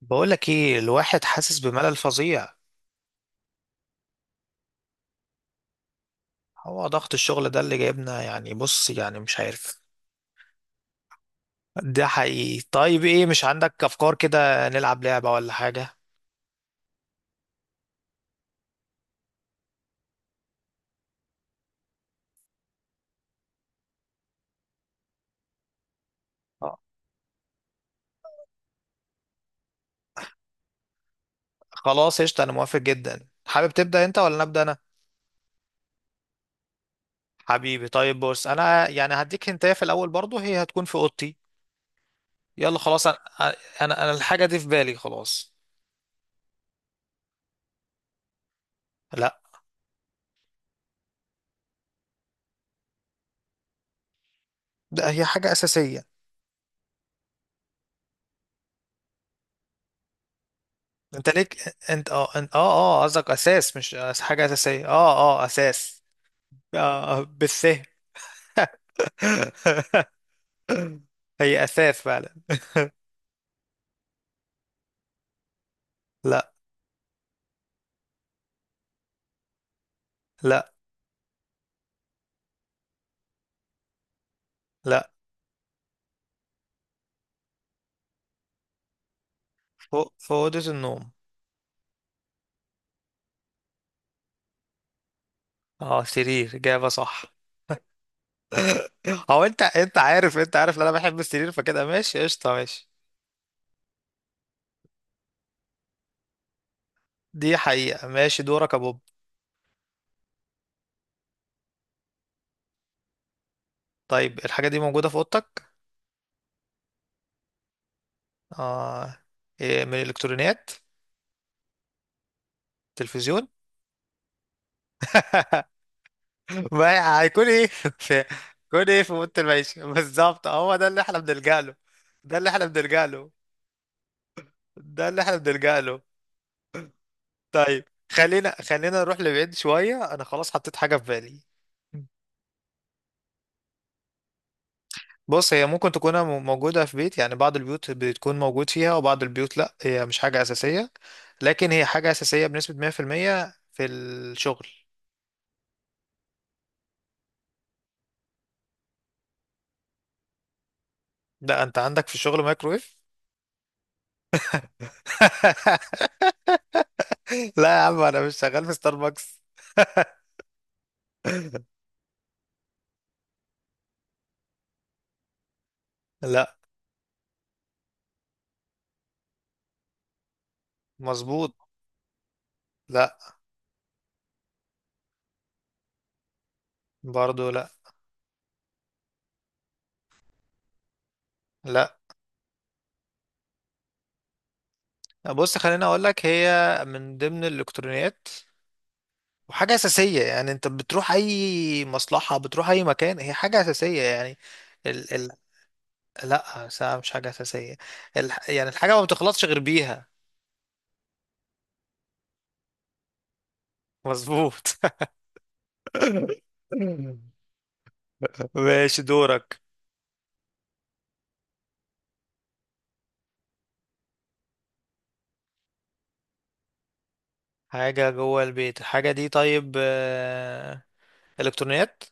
بقولك ايه، الواحد حاسس بملل فظيع. هو ضغط الشغل ده اللي جايبنا يعني، بص يعني مش عارف. ده حقيقي. طيب ايه، مش عندك افكار كده نلعب لعبة ولا حاجة؟ آه، خلاص قشطة انا موافق جدا. حابب تبدأ انت ولا نبدأ انا؟ حبيبي، طيب بص انا يعني هديك هنتايه في الاول برضو، هي هتكون في اوضتي. يلا خلاص، انا الحاجة دي في بالي خلاص. لا، ده هي حاجة اساسية. انت ليك. انت قصدك اساس، مش حاجة اساسية، اساس. آه، بالث. هي أساس فعلا. لا لا لا، فوق في أوضة النوم. اه سرير، إجابة صح. هو أنت عارف، أنت عارف إن أنا بحب السرير، فكده ماشي قشطة ماشي. دي حقيقة. ماشي دورك يا بوب. طيب الحاجة دي موجودة في أوضتك؟ آه. إيه من الإلكترونيات؟ تلفزيون. ما هيكون إيه في... هيكون إيه في أوضة المعيشة بالظبط؟ هو ده اللي إحنا بنلجأ له. ده اللي إحنا بنلجأ له. ده اللي إحنا بنلجأ له. طيب خلينا خلينا نروح لبعيد شوية. أنا خلاص حطيت حاجة في بالي. بص هي ممكن تكون موجودة في بيت، يعني بعض البيوت بتكون موجود فيها وبعض البيوت لأ، هي مش حاجة أساسية. لكن هي حاجة أساسية بنسبة 100% في المية في الشغل. لا أنت عندك في الشغل مايكرويف؟ لا يا عم، أنا مش شغال في ستاربكس. لا. مظبوط. لا برضو لا. لا. بص خليني أقول لك، هي من ضمن الإلكترونيات وحاجة أساسية، يعني أنت بتروح أي مصلحة، بتروح أي مكان، هي حاجة أساسية يعني. ال لأ ساعة مش حاجة أساسية. ال يعني الحاجة ما بتخلصش غير بيها. مظبوط. ماشي دورك. حاجة جوه البيت، الحاجة دي طيب، آه، إلكترونيات؟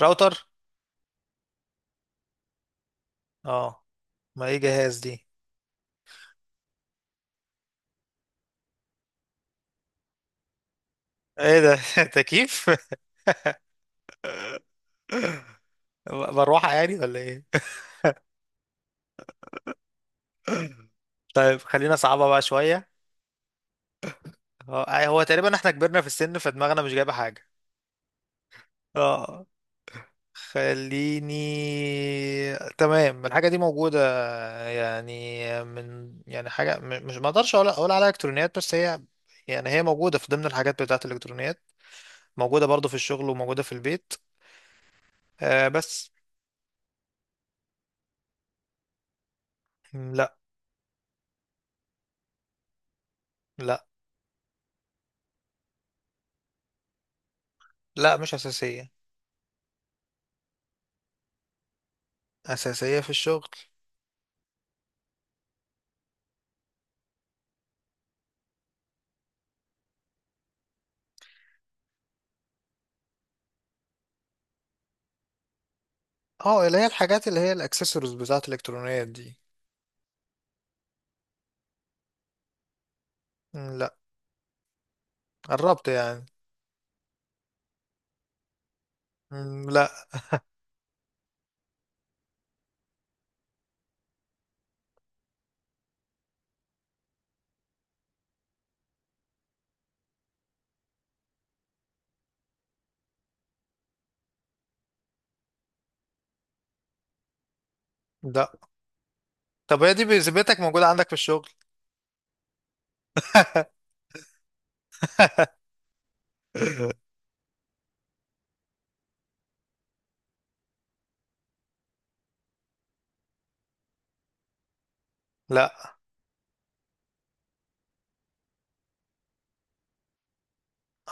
راوتر؟ اه، ما ايه جهاز دي. ايه ده؟ تكييف؟ مروحة يعني ولا ايه؟ طيب خلينا صعبة بقى شوية. اه، هو تقريبا احنا كبرنا في السن فدماغنا مش جايبة حاجة. اه، خليني. تمام، الحاجة دي موجودة، يعني من يعني حاجة مش، ما اقدرش اقول عليها الكترونيات بس هي، يعني هي موجودة في ضمن الحاجات بتاعة الالكترونيات. موجودة برضو في الشغل وموجودة في البيت. آه بس. لا لا لا، مش أساسية. أساسية في الشغل. اه، اللي هي الحاجات اللي هي الاكسسوارز بتاعة الالكترونيات دي. لا. قربت يعني. لا. لا. طب هي دي بذمتك موجودة عندك في الشغل؟ لا.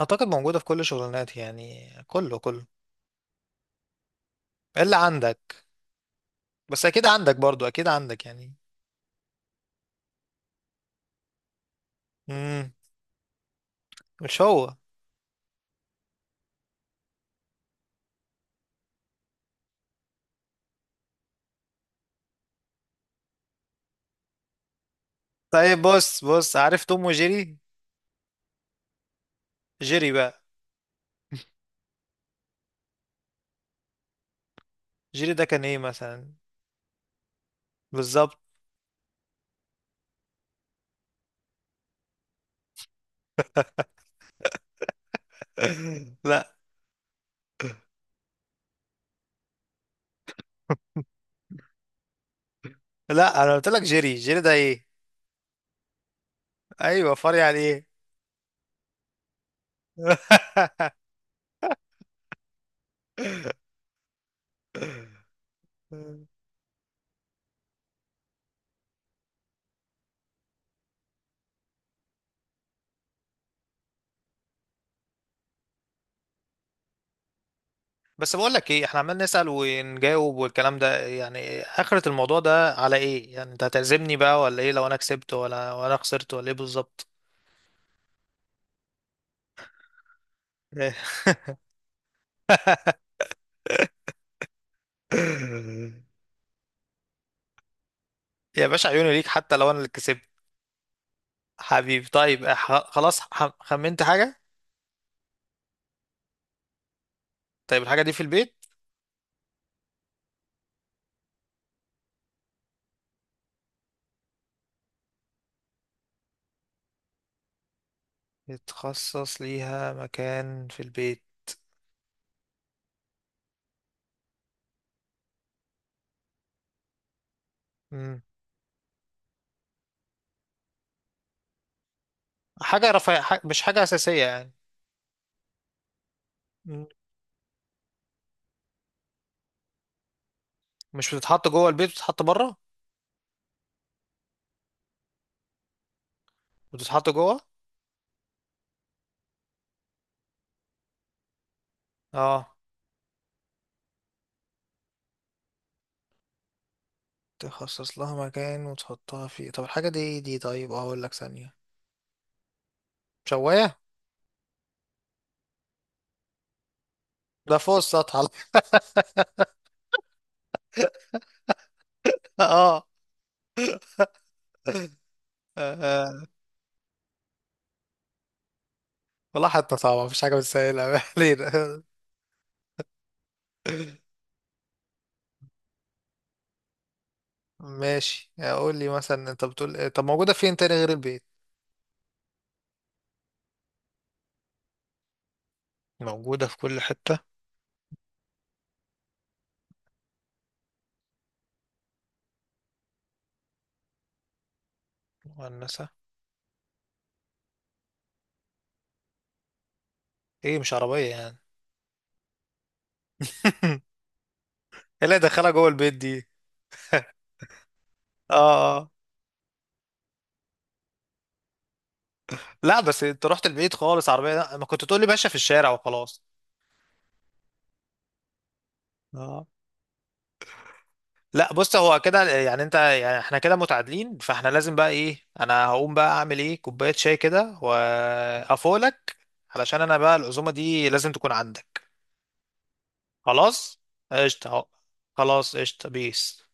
أعتقد موجودة في كل شغلانات يعني، كله كله. إلا عندك. بس أكيد عندك برضو، أكيد عندك يعني. مم. مش هو. طيب بص بص، عارف توم وجيري؟ جيري بقى. جيري ده كان إيه مثلا؟ بالظبط. لا. لا أنا قلت لك جيري، جيري ده إيه؟ أيوه، فري على إيه؟ بس بقول لك ايه، احنا عمال نسأل ونجاوب والكلام ده، يعني آخرة الموضوع ده على ايه يعني؟ انت هتعزمني بقى ولا ايه لو انا كسبت، ولا وانا خسرت ولا ايه بالظبط؟ يا باشا، عيوني ليك حتى لو انا اللي كسبت. حبيبي، طيب خلاص خمنت حاجة. طيب الحاجة دي في البيت. يتخصص ليها مكان في البيت. مم. حاجة رفاهية، مش حاجة أساسية يعني. مم. مش بتتحط جوه البيت، بتتحط بره؟ بتتحط جوه. اه، تخصص لها مكان وتحطها فيه. طب الحاجة دي إيه دي؟ طيب اه، اقول لك ثانية. شواية؟ ده فوق السطح على-... اه. آه. والله حتى صعبة، مفيش حاجة بتسهلها. ما علينا. ماشي، اقول لي مثلا، انت بتقول إيه؟ طب موجودة فين تاني غير البيت؟ موجودة في كل حتة. مؤنثة. ايه مش عربية يعني؟ ايه اللي هيدخلها جوه البيت دي؟ اه، اه. لا بس انت رحت البيت خالص، عربية؟ لا، ما كنت تقول لي ماشية في الشارع وخلاص. اه. لا بص، هو كده يعني انت يعني احنا كده متعادلين، فاحنا لازم بقى ايه، انا هقوم بقى اعمل ايه كوباية شاي كده وافولك. علشان انا بقى العزومة دي لازم تكون عندك. خلاص قشطة اهو. خلاص قشطة بيس.